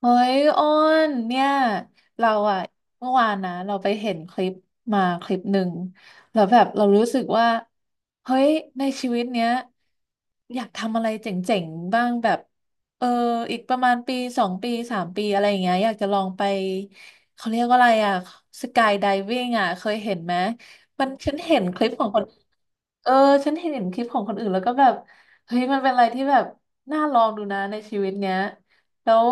เฮ้ยอ้นเนี่ยเราอะเมื่อวานนะเราไปเห็นคลิปมาคลิปหนึ่งแล้วแบบเรารู้สึกว่าเฮ้ยในชีวิตเนี้ยอยากทำอะไรเจ๋งๆบ้างแบบเอออีกประมาณปีสองปีสามปีอะไรอย่างเงี้ยอยากจะลองไปเขาเรียกว่าอะไรอะสกายไดวิ่งอะเคยเห็นไหมมันฉันเห็นคลิปของคนเออฉันเห็นคลิปของคนอื่นแล้วก็แบบเฮ้ยมันเป็นอะไรที่แบบน่าลองดูนะในชีวิตเนี้ย แล้ว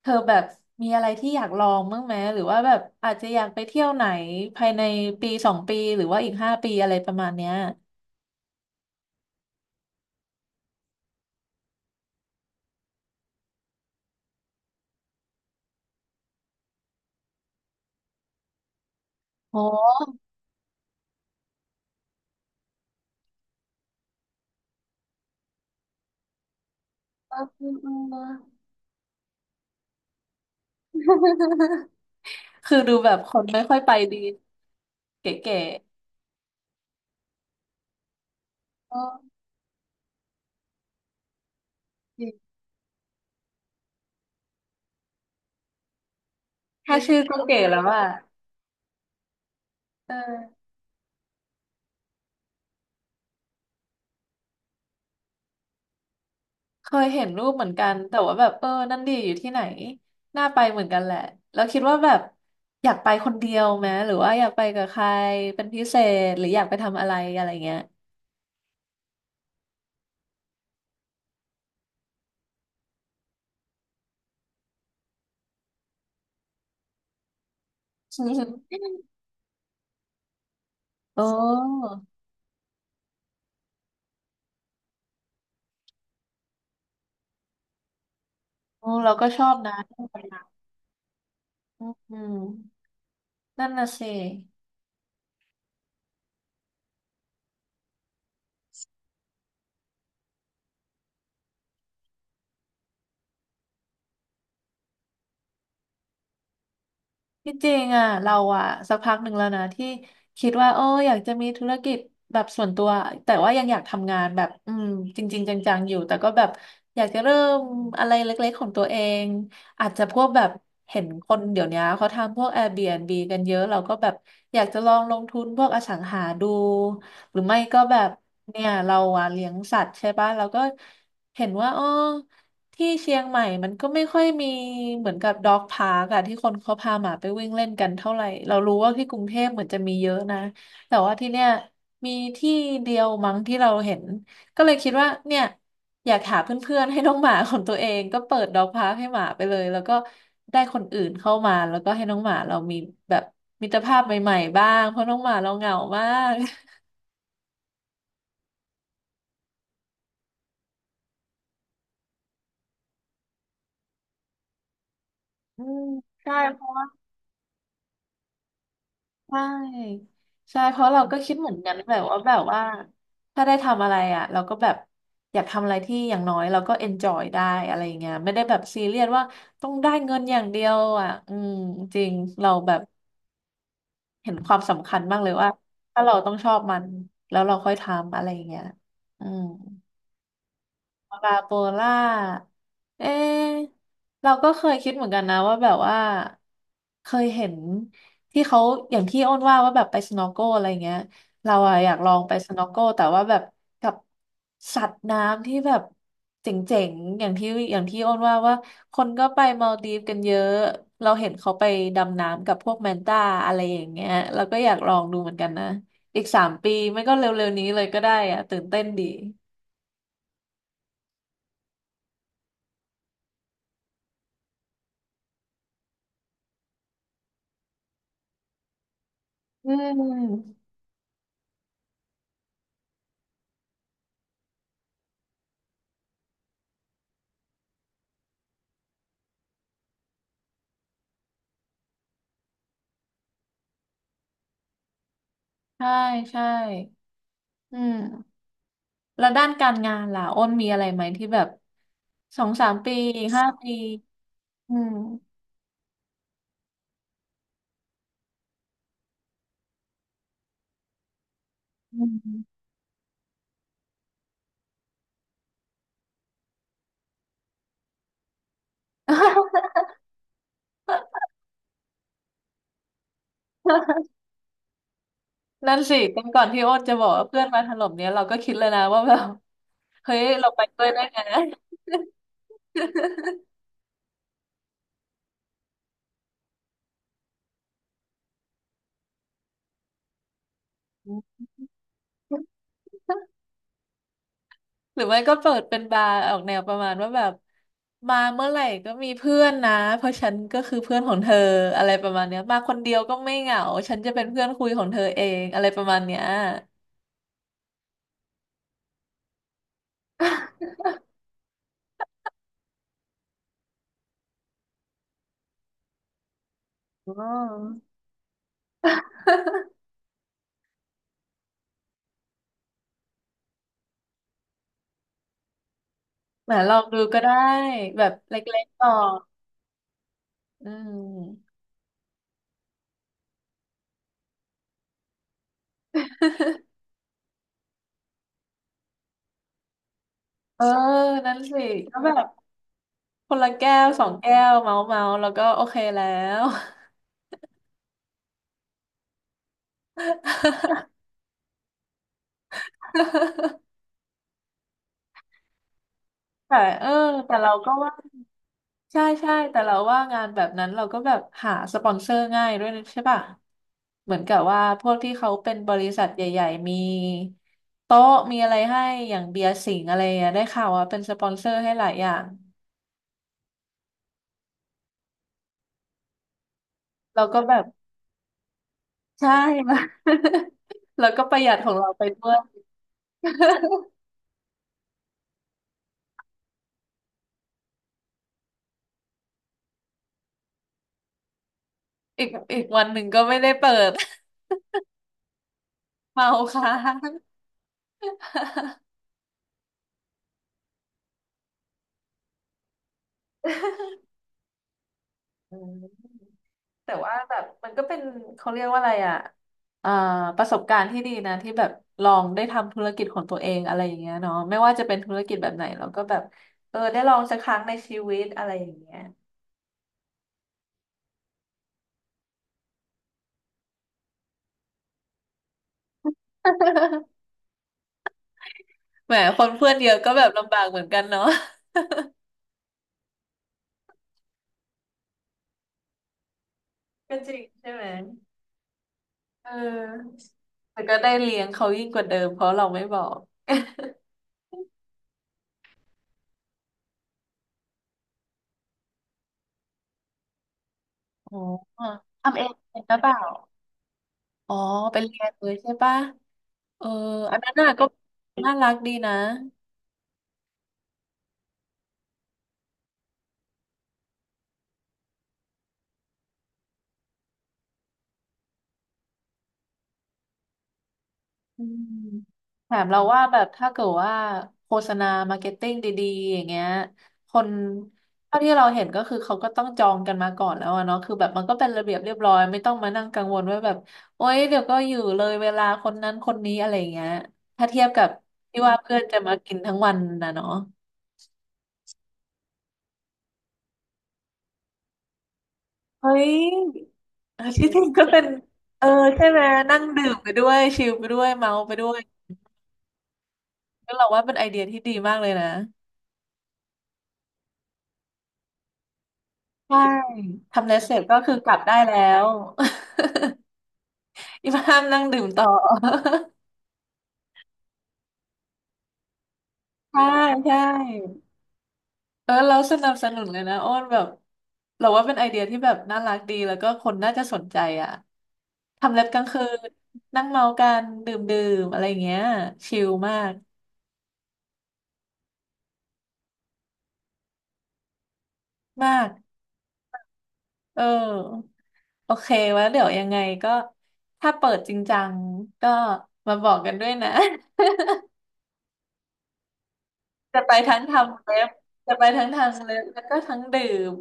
เธอแบบมีอะไรที่อยากลองบ้างไหมหรือว่าแบบอาจจะอยากไปเที่ยวไหนภายในปีสองปีหรือว่าอีกห้าปีอะไรประมาณเนี้ยโอ้คือดูแบบคนไม่ค่อยไปดีเก๋เออจริงๆแค่ชื่อก็เก๋แล้วอ่ะเออเคยเห็นรูปเหมือนกันแต่ว่าแบบเออนั่นดีอยู่ที่ไหนน่าไปเหมือนกันแหละแล้วคิดว่าแบบอยากไปคนเดียวไหมหรือว่าอยากไปกับใครเป็นพิเศษหรืออยากไปทำอะไรอะไรเงี้ย เออเออเราก็ชอบนะที่ทำงานอืมนั่นน่ะสิ ที่จริงอ่ะเราอ่ะสักพักหนึ่งแล้วนะที่คิดว่าเอออยากจะมีธุรกิจแบบส่วนตัวแต่ว่ายังอยากทำงานแบบอืมจริงๆจังๆอยู่แต่ก็แบบอยากจะเริ่มอะไรเล็กๆของตัวเองอาจจะพวกแบบเห็นคนเดี๋ยวนี้เขาทำพวก Airbnb กันเยอะเราก็แบบอยากจะลองลงทุนพวกอสังหาดูหรือไม่ก็แบบเนี่ยเราอ่ะเลี้ยงสัตว์ใช่ปะเราก็เห็นว่าเออ ที่เชียงใหม่มันก็ไม่ค่อยมีเหมือนกับด็อกพาร์กอะที่คนเขาพาหมาไปวิ่งเล่นกันเท่าไหร่เรารู้ว่าที่กรุงเทพเหมือนจะมีเยอะนะแต่ว่าที่เนี่ยมีที่เดียวมั้งที่เราเห็นก็เลยคิดว่าเนี่ยอยากหาเพื่อนๆให้น้องหมาของตัวเองก็เปิดด็อกพาร์กให้หมาไปเลยแล้วก็ได้คนอื่นเข้ามาแล้วก็ให้น้องหมาเรามีแบบมิตรภาพใหม่ๆบ้างเพราะน้องหมาเราเหงามากอืมใช่ ใช่ใช่เพราะเราก็คิดเหมือนกันแบบว่าแบบว่าถ้าได้ทำอะไรอ่ะเราก็แบบอยากทำอะไรที่อย่างน้อยเราก็เอนจอยได้อะไรอย่างเงี้ยไม่ได้แบบซีเรียสว่าต้องได้เงินอย่างเดียวอ่ะอืมจริงเราแบบเห็นความสำคัญมากเลยว่าถ้าเราต้องชอบมันแล้วเราค่อยทำอะไรอย่างเงี้ยอืม ปาโปล่าเอ๊ะเราก็เคยคิดเหมือนกันนะว่าแบบว่าเคยเห็นที่เขาอย่างที่อ้นว่าว่าแบบไปสโนว์โกอะไรเงี้ยเราอะอยากลองไปสโนว์โกแต่ว่าแบบกับสัตว์น้ำที่แบบเจ๋งๆอย่างที่อย่างที่อ้นว่าว่าคนก็ไปมาลดีฟกันเยอะเราเห็นเขาไปดำน้ำกับพวกแมนต้าอะไรอย่างเงี้ยเราก็อยากลองดูเหมือนกันนะอีกสามปีไม่ก็เร็วๆนี้เลยก็ได้อะตื่นเต้นดีอืม ใช่ใช่อืมแล้วด้านการงานล่ะอ้นมีอะไรไหมที่แบบสองสามปีห้าปีอืมอืม นั่นสิกันก่อนที่โอ้นจะบอกว่าเพื่อนมาถล่มเนี้ยเราก็คิดเลยนะว่าแบบ เฮ้ยเราไปด้วยได้ไง หรือไม่ก็เปิดเป็นบาร์ออกแนวประมาณว่าแบบมาเมื่อไหร่ก็มีเพื่อนนะเพราะฉันก็คือเพื่อนของเธออะไรประมาณเนี้ยมาคนเดียวก็ไม่เหงาฉันจะเป็นเพื่อนคุยของเธอเองอะไรประมาณเนี้ย อ๋อแหมลองดูก็ได้แบบเล็กๆก่อนอืมเออนั่นสิก็แบบคนละแก้วสองแก้วเมาเมาแล้วก็โอเคแล้ว แต่เออแต่เราก็ว่าใช่ใช่แต่เราว่างานแบบนั้นเราก็แบบหาสปอนเซอร์ง่ายด้วยนะใช่ป่ะเหมือนกับว่าพวกที่เขาเป็นบริษัทใหญ่ๆมีโต๊ะมีอะไรให้อย่างเบียร์สิงห์อะไรอ่ะได้ข่าวว่าเป็นสปอนเซอร์ให้หลายอย่างเราก็แบบ ใช่มา แล้วก็ประหยัดของเราไปด้วย อีกอีกวันหนึ่งก็ไม่ได้เปิด เมาค้างอืมแต่ว่าแบบมันก็เป็นเขาเรียกว่าอะไรอ่ะอ่าประสบการณ์ที่ดีนะที่แบบลองได้ทำธุรกิจของตัวเองอะไรอย่างเงี้ยเนาะไม่ว่าจะเป็นธุรกิจแบบไหนเราก็แบบเออได้ลองสักครั้งในชีวิตอะไรอย่างเงี้ย แหมคนเพื่อนเยอะก็แบบลำบากเหมือนกันเนาะก็จริงใช่ไหมเออแต่ก็ได้เลี้ยงเขายิ่งกว่าเดิมเพราะเราไม่บอก อ๋อทำเองเป็นหรือเปล่าอ๋อเป็นเรียนเลยใช่ปะเอออันนั้นน่ะก็น่ารักดีนะอืมแถมเราว่าแบบถ้าเกิดว่าโฆษณามาร์เก็ตติ้งดีๆอย่างเงี้ยคนเท่าที่เราเห็นก็คือเขาก็ต้องจองกันมาก่อนแล้วอะเนาะคือแบบมันก็เป็นระเบียบเรียบร้อยไม่ต้องมานั่งกังวลว่าแบบโอ๊ยเดี๋ยวก็อยู่เลยเวลาคนนั้นคนนี้อะไรอย่างเงี้ยถ้าเทียบกับที่ว่าเพื่อนจะมากินทั้งวันนะเนาะเฮ้ย เออที่จริงก็เป็นเออใช่ไหมนั่งดื่มไปด้วยชิลไปด้วยเมาไปด้วยก็เราว่าเป็นไอเดียที่ดีมากเลยนะใช่ทำเลสเสร็จก็คือกลับได้แล้ว อีพามนั่งดื่มต่อ ใช่ใช่เออเราสนับสนุนเลยนะอ้อนแบบเราว่าเป็นไอเดียที่แบบน่ารักดีแล้วก็คนน่าจะสนใจอ่ะทำเล็บกลางคืนนั่งเมากันดื่มดื่มอะไรอย่างเงี้ยชิลมากมาก เออโอเคไว่าเดี๋ยวยังไงก็ถ้าเปิดจริงจังก็มาบอกกันด้วยนะ จะไปทั้งทำเล็บจะไปทั้งทำเล็บแล้วก็ทั้งดื่ม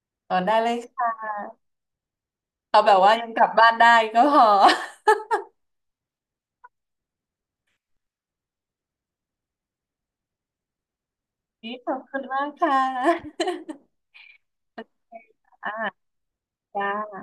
อ๋อได้เลยค่ะเอาแบบว่ายังกลับบ้านได้ก็พอ นี่ขอบคุณมากค่ะ อ่าจ้า